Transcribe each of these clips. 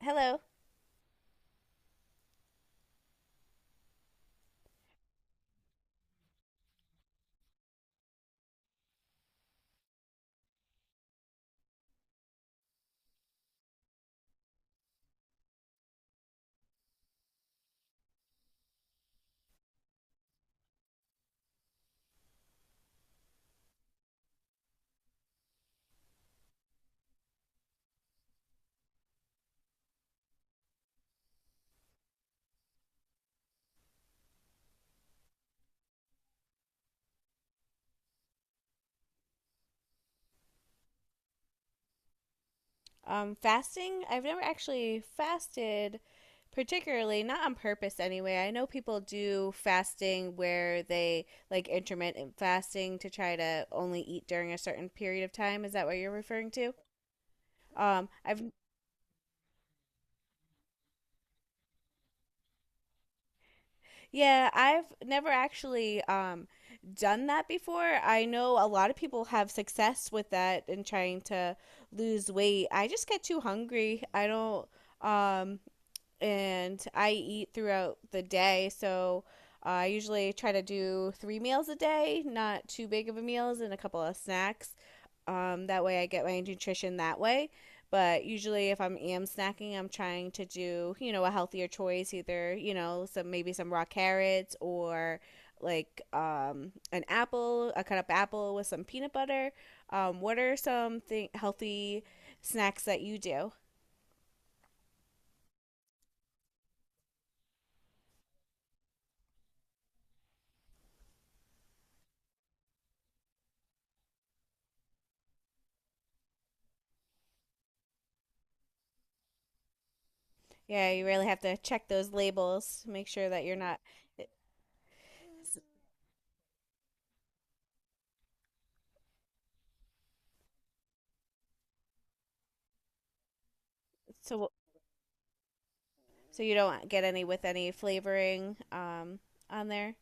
Hello. Fasting? I've never actually fasted particularly, not on purpose anyway. I know people do fasting where they like intermittent fasting to try to only eat during a certain period of time. Is that what you're referring to? I've Yeah, I've never actually done that before. I know a lot of people have success with that in trying to lose weight. I just get too hungry. I don't um and I eat throughout the day. So I usually try to do three meals a day, not too big of a meals, and a couple of snacks. That way, I get my nutrition that way. But usually, if I'm snacking, I'm trying to do a healthier choice, either some maybe some raw carrots or like an apple, a cut up apple with some peanut butter. What are some healthy snacks that you do? Yeah, you really have to check those labels, make sure that you're not eh, so you don't get any with any flavoring on there.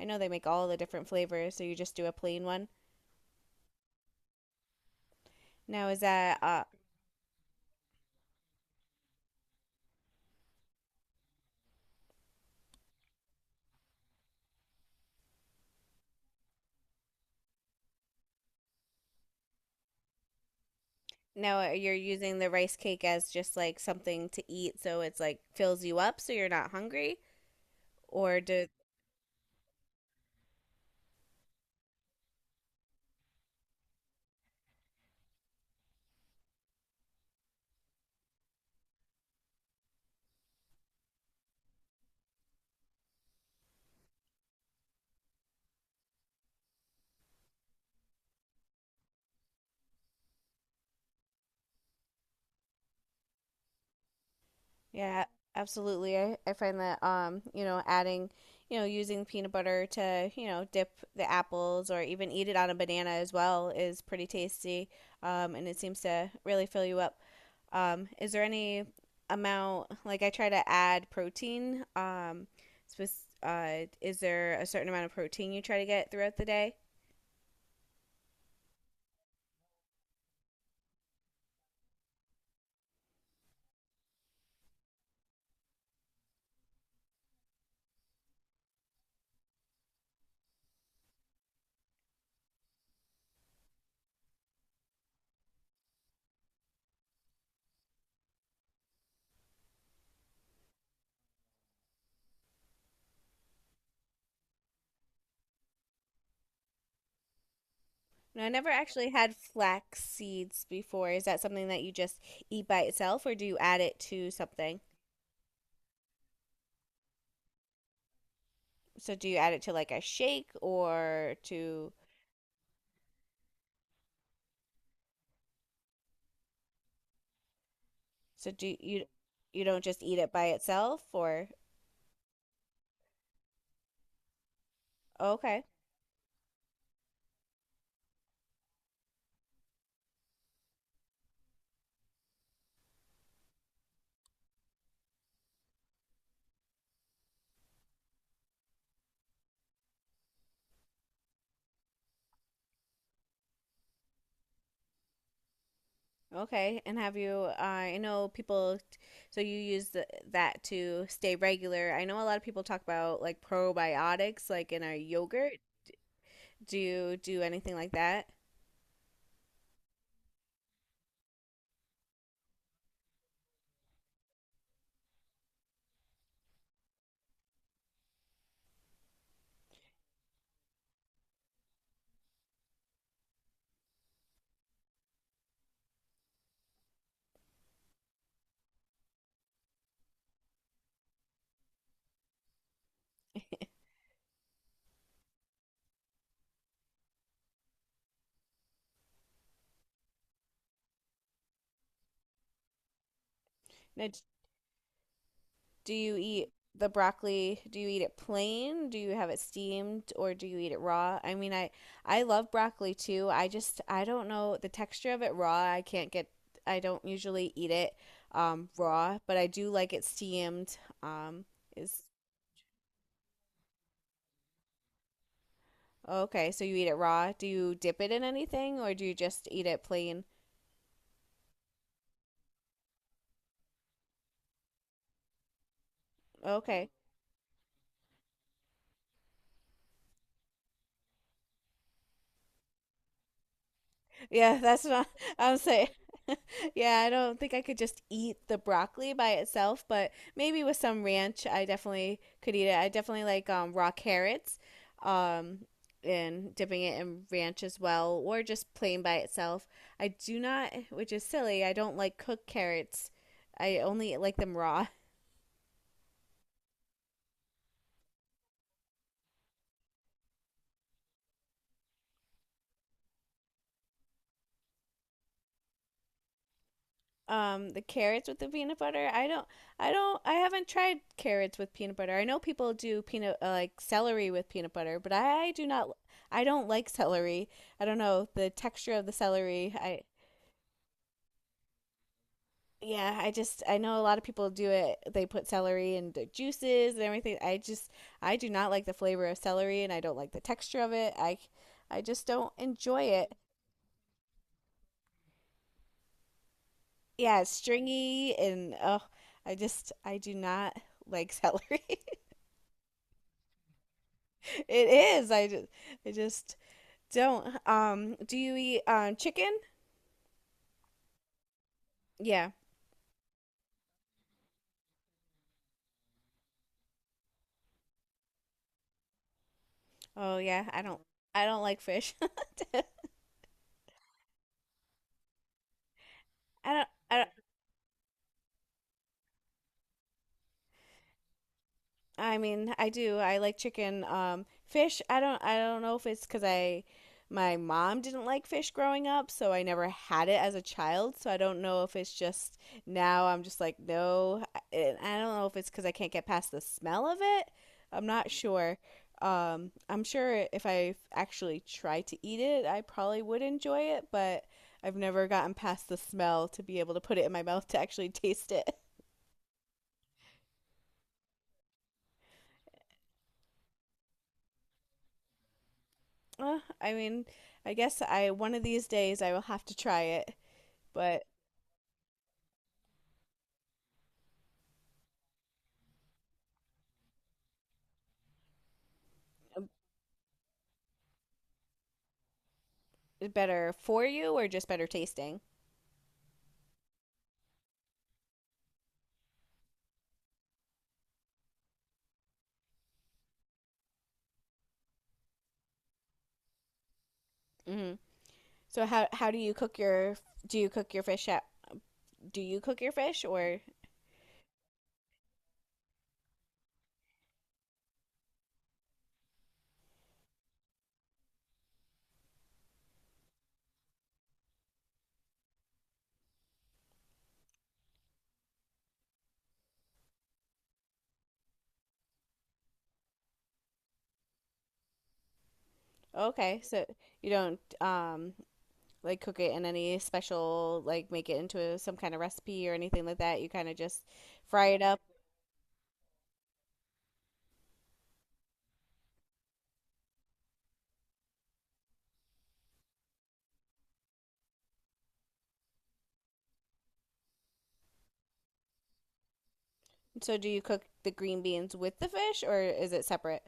I know they make all the different flavors, so you just do a plain one. Now is that now You're using the rice cake as just like something to eat, so it's like fills you up so you're not hungry, or do Yeah, absolutely. I find that you know, adding, you know, using peanut butter to, you know, dip the apples or even eat it on a banana as well is pretty tasty. And it seems to really fill you up. Is there any amount like I try to add protein? Spec- is there a certain amount of protein you try to get throughout the day? No, I never actually had flax seeds before. Is that something that you just eat by itself or do you add it to something? So do you add it to like a shake or to so do you you don't just eat it by itself or okay. Okay. And have you I know people so you use that to stay regular. I know a lot of people talk about like probiotics like in our yogurt. Do you do anything like that? No. Do you eat the broccoli? Do you eat it plain? Do you have it steamed or do you eat it raw? I love broccoli too. I just I don't know the texture of it raw. I can't get I don't usually eat it raw, but I do like it steamed. Um is Okay, so you eat it raw. Do you dip it in anything or do you just eat it plain? Okay. Yeah, that's not I'm saying yeah, I don't think I could just eat the broccoli by itself, but maybe with some ranch, I definitely could eat it. I definitely like raw carrots um, and dipping it in ranch as well, or just plain by itself. I do not, which is silly, I don't like cooked carrots. I only like them raw. The carrots with the peanut butter. I haven't tried carrots with peanut butter. I know people do peanut like celery with peanut butter, but I do not I don't like celery. I don't know the texture of the celery. I just I know a lot of people do it. They put celery in their juices and everything. I just I do not like the flavor of celery and I don't like the texture of it. I just don't enjoy it. Yeah, it's stringy and oh, I do not like celery. It is. I just don't. Do you eat chicken? Yeah. Oh yeah. I don't. I don't like fish. I don't. I mean, I do. I like chicken. Fish. I don't. I don't know if it's because I, My mom didn't like fish growing up, so I never had it as a child. So I don't know if it's just now I'm just like no. I don't know if it's because I can't get past the smell of it. I'm not sure. I'm sure if I actually tried to eat it, I probably would enjoy it, but I've never gotten past the smell to be able to put it in my mouth to actually taste it. I mean, I guess I one of these days I will have to try it, but better for you or just better tasting. Hmm. So how do you cook your do you cook your fish at do you cook your fish or okay, so you don't like cook it in any special like make it into some kind of recipe or anything like that. You kind of just fry it up. So do you cook the green beans with the fish or is it separate?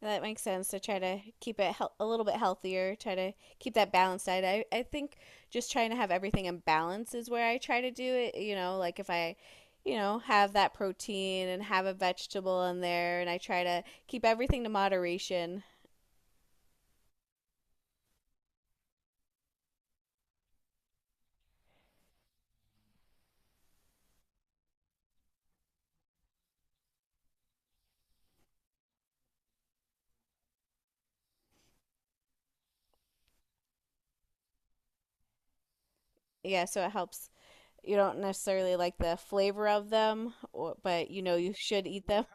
That makes sense to try to keep it a little bit healthier, try to keep that balance diet. I think just trying to have everything in balance is where I try to do it. You know, like if I, you know, have that protein and have a vegetable in there, and I try to keep everything to moderation. Yeah, so it helps. You don't necessarily like the flavor of them, or, but you know you should eat them.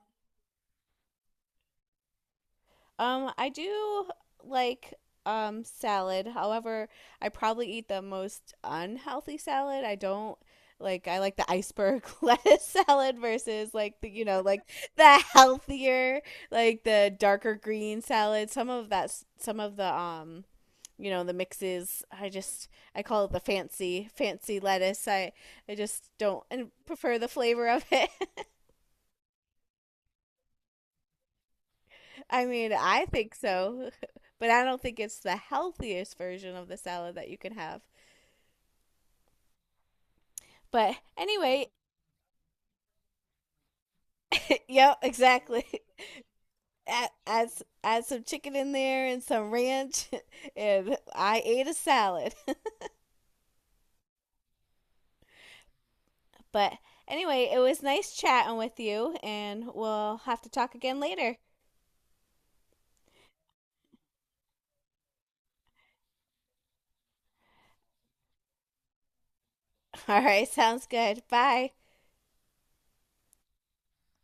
I do like salad. However, I probably eat the most unhealthy salad. I don't like I like the iceberg lettuce salad versus like the you know like the healthier like the darker green salad. Some of some of the you know the mixes I just I call it the fancy fancy lettuce. I just don't and prefer the flavor of it. I mean, I think so, but I don't think it's the healthiest version of the salad that you can have. But anyway, yep, exactly. Add some chicken in there and some ranch, and I ate a salad. But anyway, it was nice chatting with you, and we'll have to talk again later. All right, sounds good. Bye.